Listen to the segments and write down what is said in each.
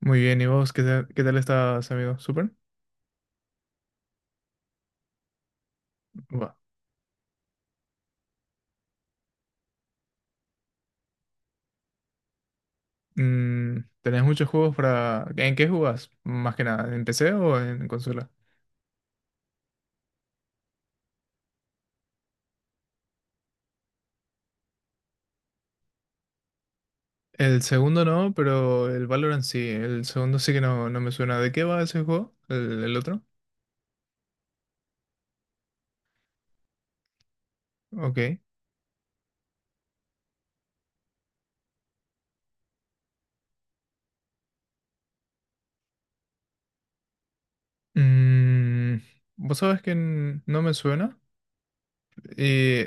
Muy bien, ¿y vos qué tal, estás, amigo? ¿Súper? Va. ¿Tenés muchos juegos para... ¿En qué jugás? Más que nada, ¿en PC o en consola? El segundo no, pero el Valorant sí. El segundo sí que no, no me suena. ¿De qué va ese juego? ¿El otro? Ok. Mm, ¿vos sabés que no me suena? Y,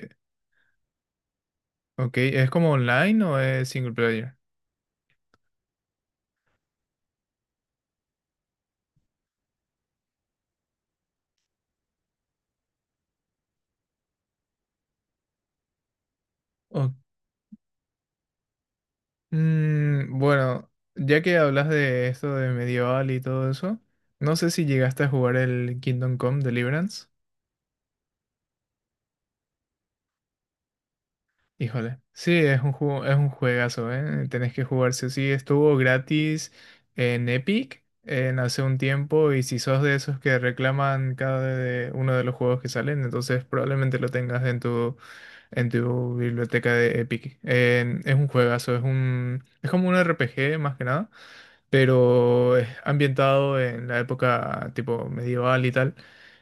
ok, ¿es como online o es single player? Mm, bueno, ya que hablas de esto de medieval y todo eso, no sé si llegaste a jugar el Kingdom Come Deliverance. Híjole, sí, es un juego, es un juegazo, ¿eh? Tenés que jugar sí o sí. Estuvo gratis en Epic en hace un tiempo y si sos de esos que reclaman uno de los juegos que salen, entonces probablemente lo tengas en en tu biblioteca de Epic. Es un juegazo, es como un RPG más que nada, pero es ambientado en la época tipo medieval y tal,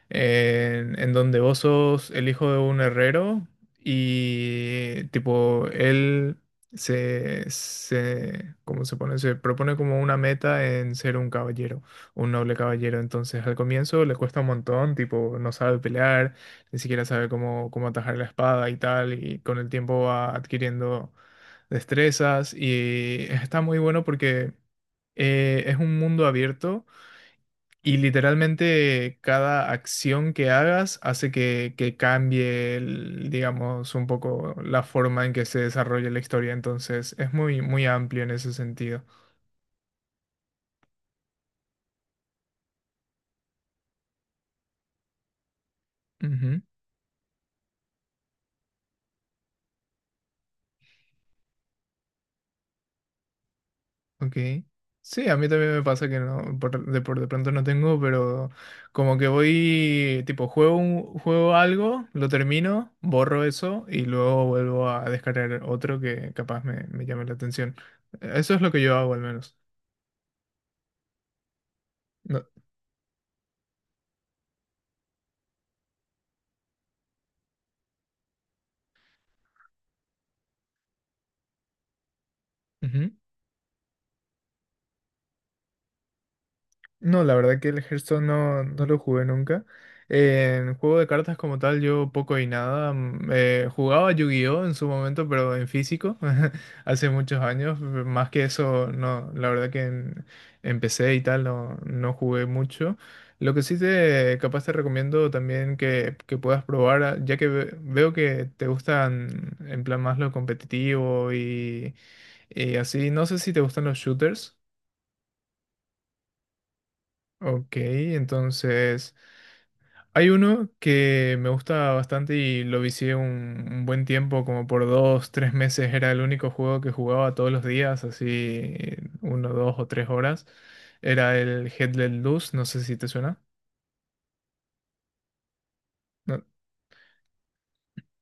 en donde vos sos el hijo de un herrero y tipo él ¿cómo se pone? Se propone como una meta en ser un caballero, un noble caballero. Entonces al comienzo le cuesta un montón, tipo no sabe pelear, ni siquiera sabe cómo atajar la espada y tal, y con el tiempo va adquiriendo destrezas y está muy bueno porque es un mundo abierto y literalmente cada acción que hagas hace que cambie, digamos, un poco la forma en que se desarrolla la historia. Entonces, es muy, muy amplio en ese sentido. Ujú, ok. Sí, a mí también me pasa que no, por de pronto no tengo, pero como que voy, tipo, juego, juego algo, lo termino, borro eso y luego vuelvo a descargar otro que capaz me llame la atención. Eso es lo que yo hago al menos. No, ujú. No, la verdad que el Hearthstone no, no lo jugué nunca. En juego de cartas como tal, yo poco y nada. Mm, jugaba Yu-Gi-Oh en su momento, pero en físico, hace muchos años. Más que eso, no, la verdad que empecé y tal, no, no jugué mucho. Lo que sí te, capaz te recomiendo también que puedas probar, ah, ya que veo que te gustan en plan más lo competitivo y así. No sé si te gustan los shooters. Ok, entonces hay uno que me gusta bastante y lo vicié un buen tiempo, como por dos, tres meses era el único juego que jugaba todos los días, así uno, dos o tres horas. Era el Headless Luz, no sé si te suena. No,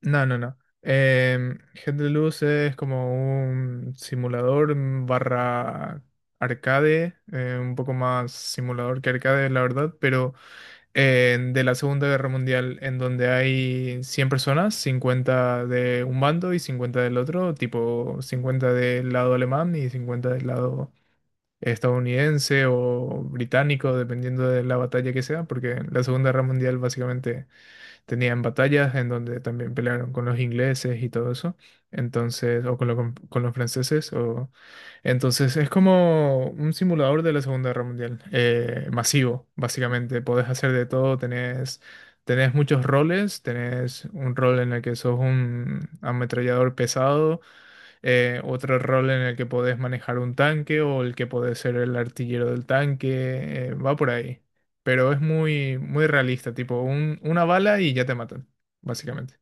no, no. no. Em, Headless Luz es como un simulador barra arcade, un poco más simulador que arcade, la verdad, pero... de la Segunda Guerra Mundial, en donde hay 100 personas, 50 de un bando y 50 del otro, tipo 50 del lado alemán y 50 del lado estadounidense o británico, dependiendo de la batalla que sea, porque la Segunda Guerra Mundial básicamente tenían batallas en donde también pelearon con los ingleses y todo eso. Entonces, o con con los franceses, o... Entonces es como un simulador de la Segunda Guerra Mundial, masivo, básicamente. Podés hacer de todo, tenés muchos roles, tenés un rol en el que sos un ametrallador pesado, otro rol en el que podés manejar un tanque o el que podés ser el artillero del tanque, va por ahí. Pero es muy, muy realista, tipo una bala y ya te matan, básicamente.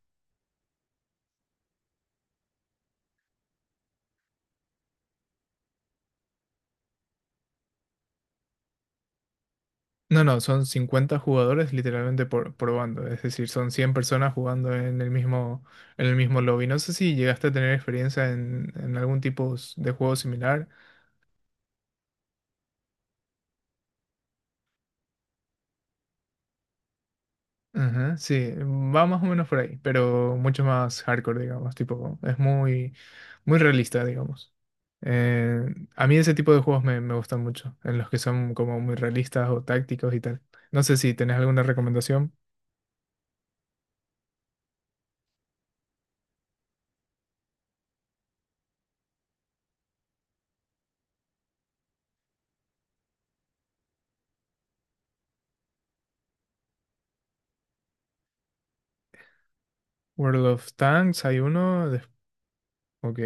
No, no, son 50 jugadores literalmente por bando, es decir, son 100 personas jugando en el mismo lobby. No sé si llegaste a tener experiencia en algún tipo de juego similar. Ajá, sí, va más o menos por ahí, pero mucho más hardcore, digamos, tipo, es muy, muy realista, digamos. Eh, a mí ese tipo de juegos me gustan mucho, en los que son como muy realistas o tácticos y tal. No sé si tenés alguna recomendación. World of Tanks, hay uno. Ok.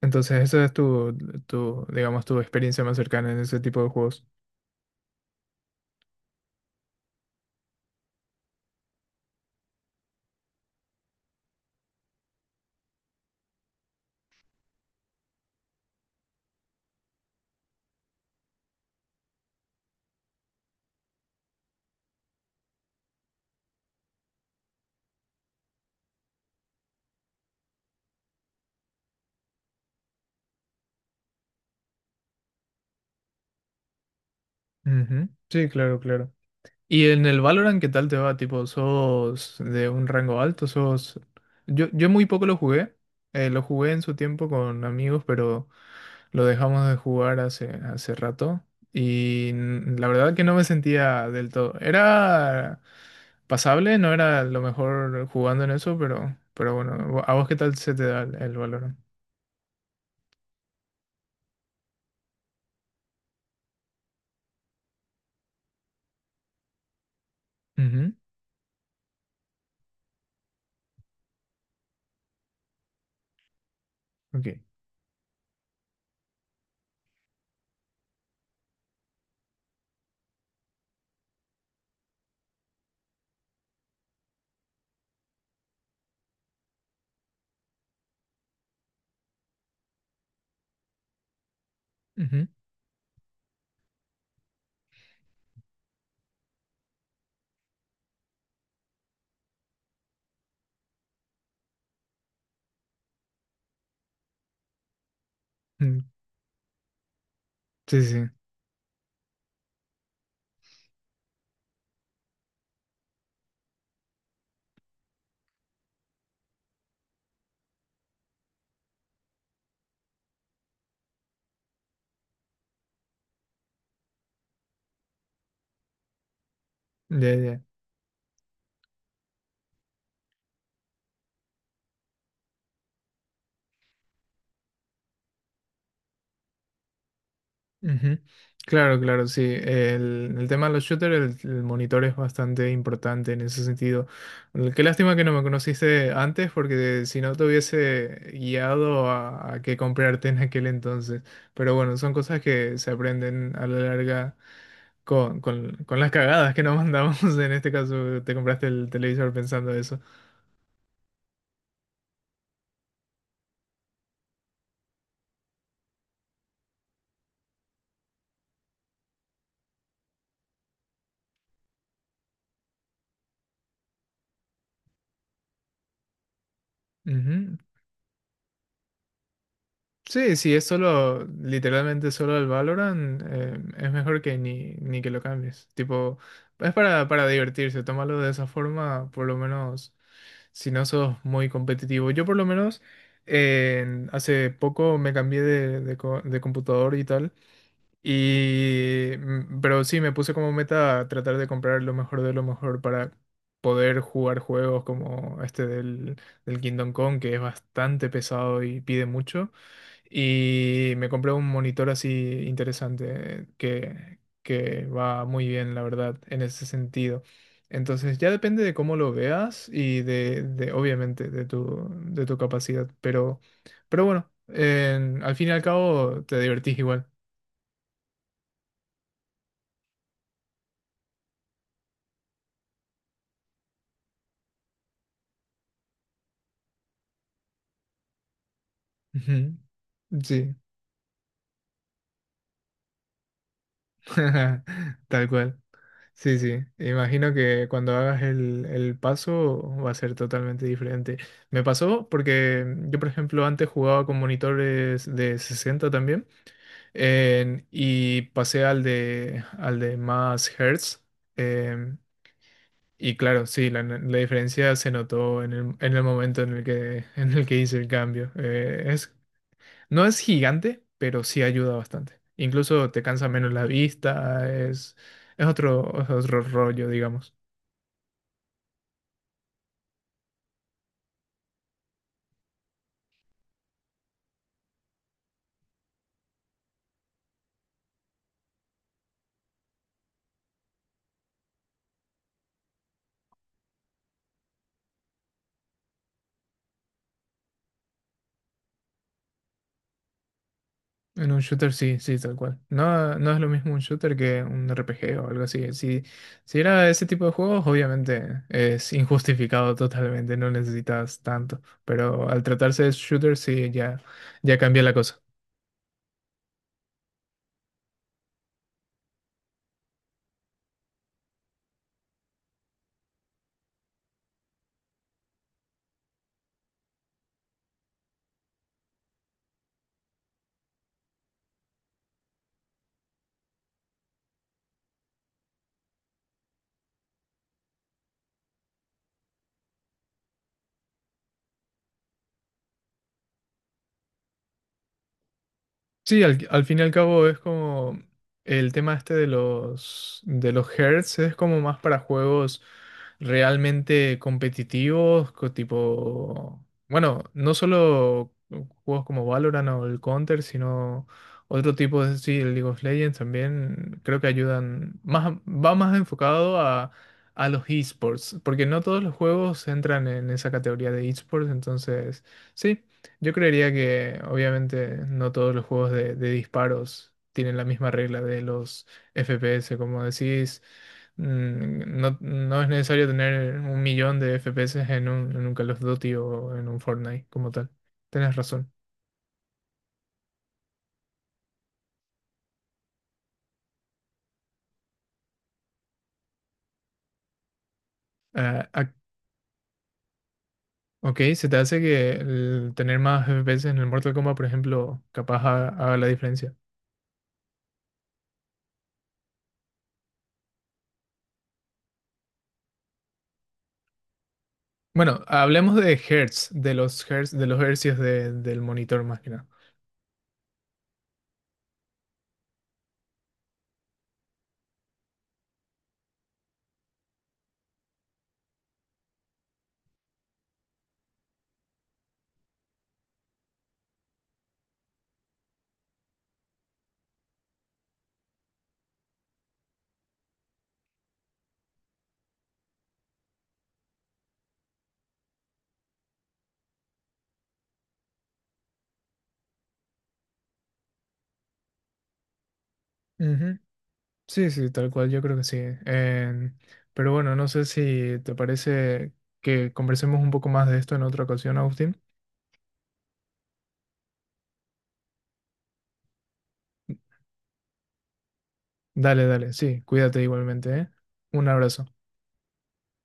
Entonces, esa es digamos, tu experiencia más cercana en ese tipo de juegos. Ujú. Sí, claro, claro. ¿Y en el Valorant qué tal te va? Tipo, ¿sos de un rango alto? ¿Sos...? Yo muy poco lo jugué. Lo jugué en su tiempo con amigos, pero... Lo dejamos de jugar hace, hace rato y la verdad que no me sentía del todo. Era pasable, no era lo mejor jugando en eso, pero bueno, ¿a vos qué tal se te da el Valorant? Ujú, ok, ujú, mm, sí, sí, sí. Ya, ya. Ujú. Claro, claro, sí. El tema de los shooters, el monitor es bastante importante en ese sentido. Qué lástima que no me conociste antes, porque si no te hubiese guiado a qué comprarte en aquel entonces. Pero bueno, son cosas que se aprenden a la larga con las cagadas que nos mandamos. En este caso, te compraste el televisor pensando eso. Ujú. Sí, sí, es solo, literalmente solo el Valorant, es mejor que ni, ni que lo cambies. Tipo, es para divertirse, tómalo de esa forma, por lo menos si no sos muy competitivo. Yo por lo menos hace poco me cambié de computador y tal, pero sí, me puse como meta tratar de comprar lo mejor de lo mejor para poder jugar juegos como este del Kingdom Come, que es bastante pesado y pide mucho. Y me compré un monitor así interesante que va muy bien, la verdad, en ese sentido. Entonces ya depende de cómo lo veas y obviamente de de tu capacidad. Pero bueno, al fin y al cabo te divertís igual. Ujú. Sí, tal cual. Sí, sí, imagino que cuando hagas el paso va a ser totalmente diferente. Me pasó porque yo, por ejemplo, antes jugaba con monitores de 60 también y pasé al de más hertz. em, y claro, sí, la diferencia se notó en en el momento en el que, en el que hice el cambio. Es, no es gigante, pero sí ayuda bastante. Incluso te cansa menos la vista, es otro rollo, digamos. En un shooter sí, sí, tal cual. No, no es lo mismo un shooter que un RPG o algo así. Si, si era ese tipo de juegos, obviamente es injustificado totalmente, no necesitas tanto. Pero al tratarse de shooter, sí, ya, ya cambia la cosa. Sí, al fin y al cabo es como el tema este de los hertz es como más para juegos realmente competitivos, tipo, bueno, no solo juegos como Valorant o el Counter, sino otro tipo de, sí, el League of Legends también creo que ayudan más, va más enfocado a los esports, porque no todos los juegos entran en esa categoría de esports, entonces, sí. Yo creería que obviamente no todos los juegos de disparos tienen la misma regla de los FPS, como decís, mm, no, no es necesario tener un millón de FPS en un Call of Duty o en un Fortnite como tal. Tenés razón. Ah, ok, se te hace que el tener más FPS en el Mortal Kombat, por ejemplo, capaz haga la diferencia. Bueno, hablemos de hertz, de los hercios del monitor más que nada. Sí, sí, tal cual, yo creo que sí. Em, pero bueno, no sé si te parece que conversemos un poco más de esto en otra ocasión, Agustín. Dale, dale, sí, cuídate igualmente, ¿eh? Un abrazo.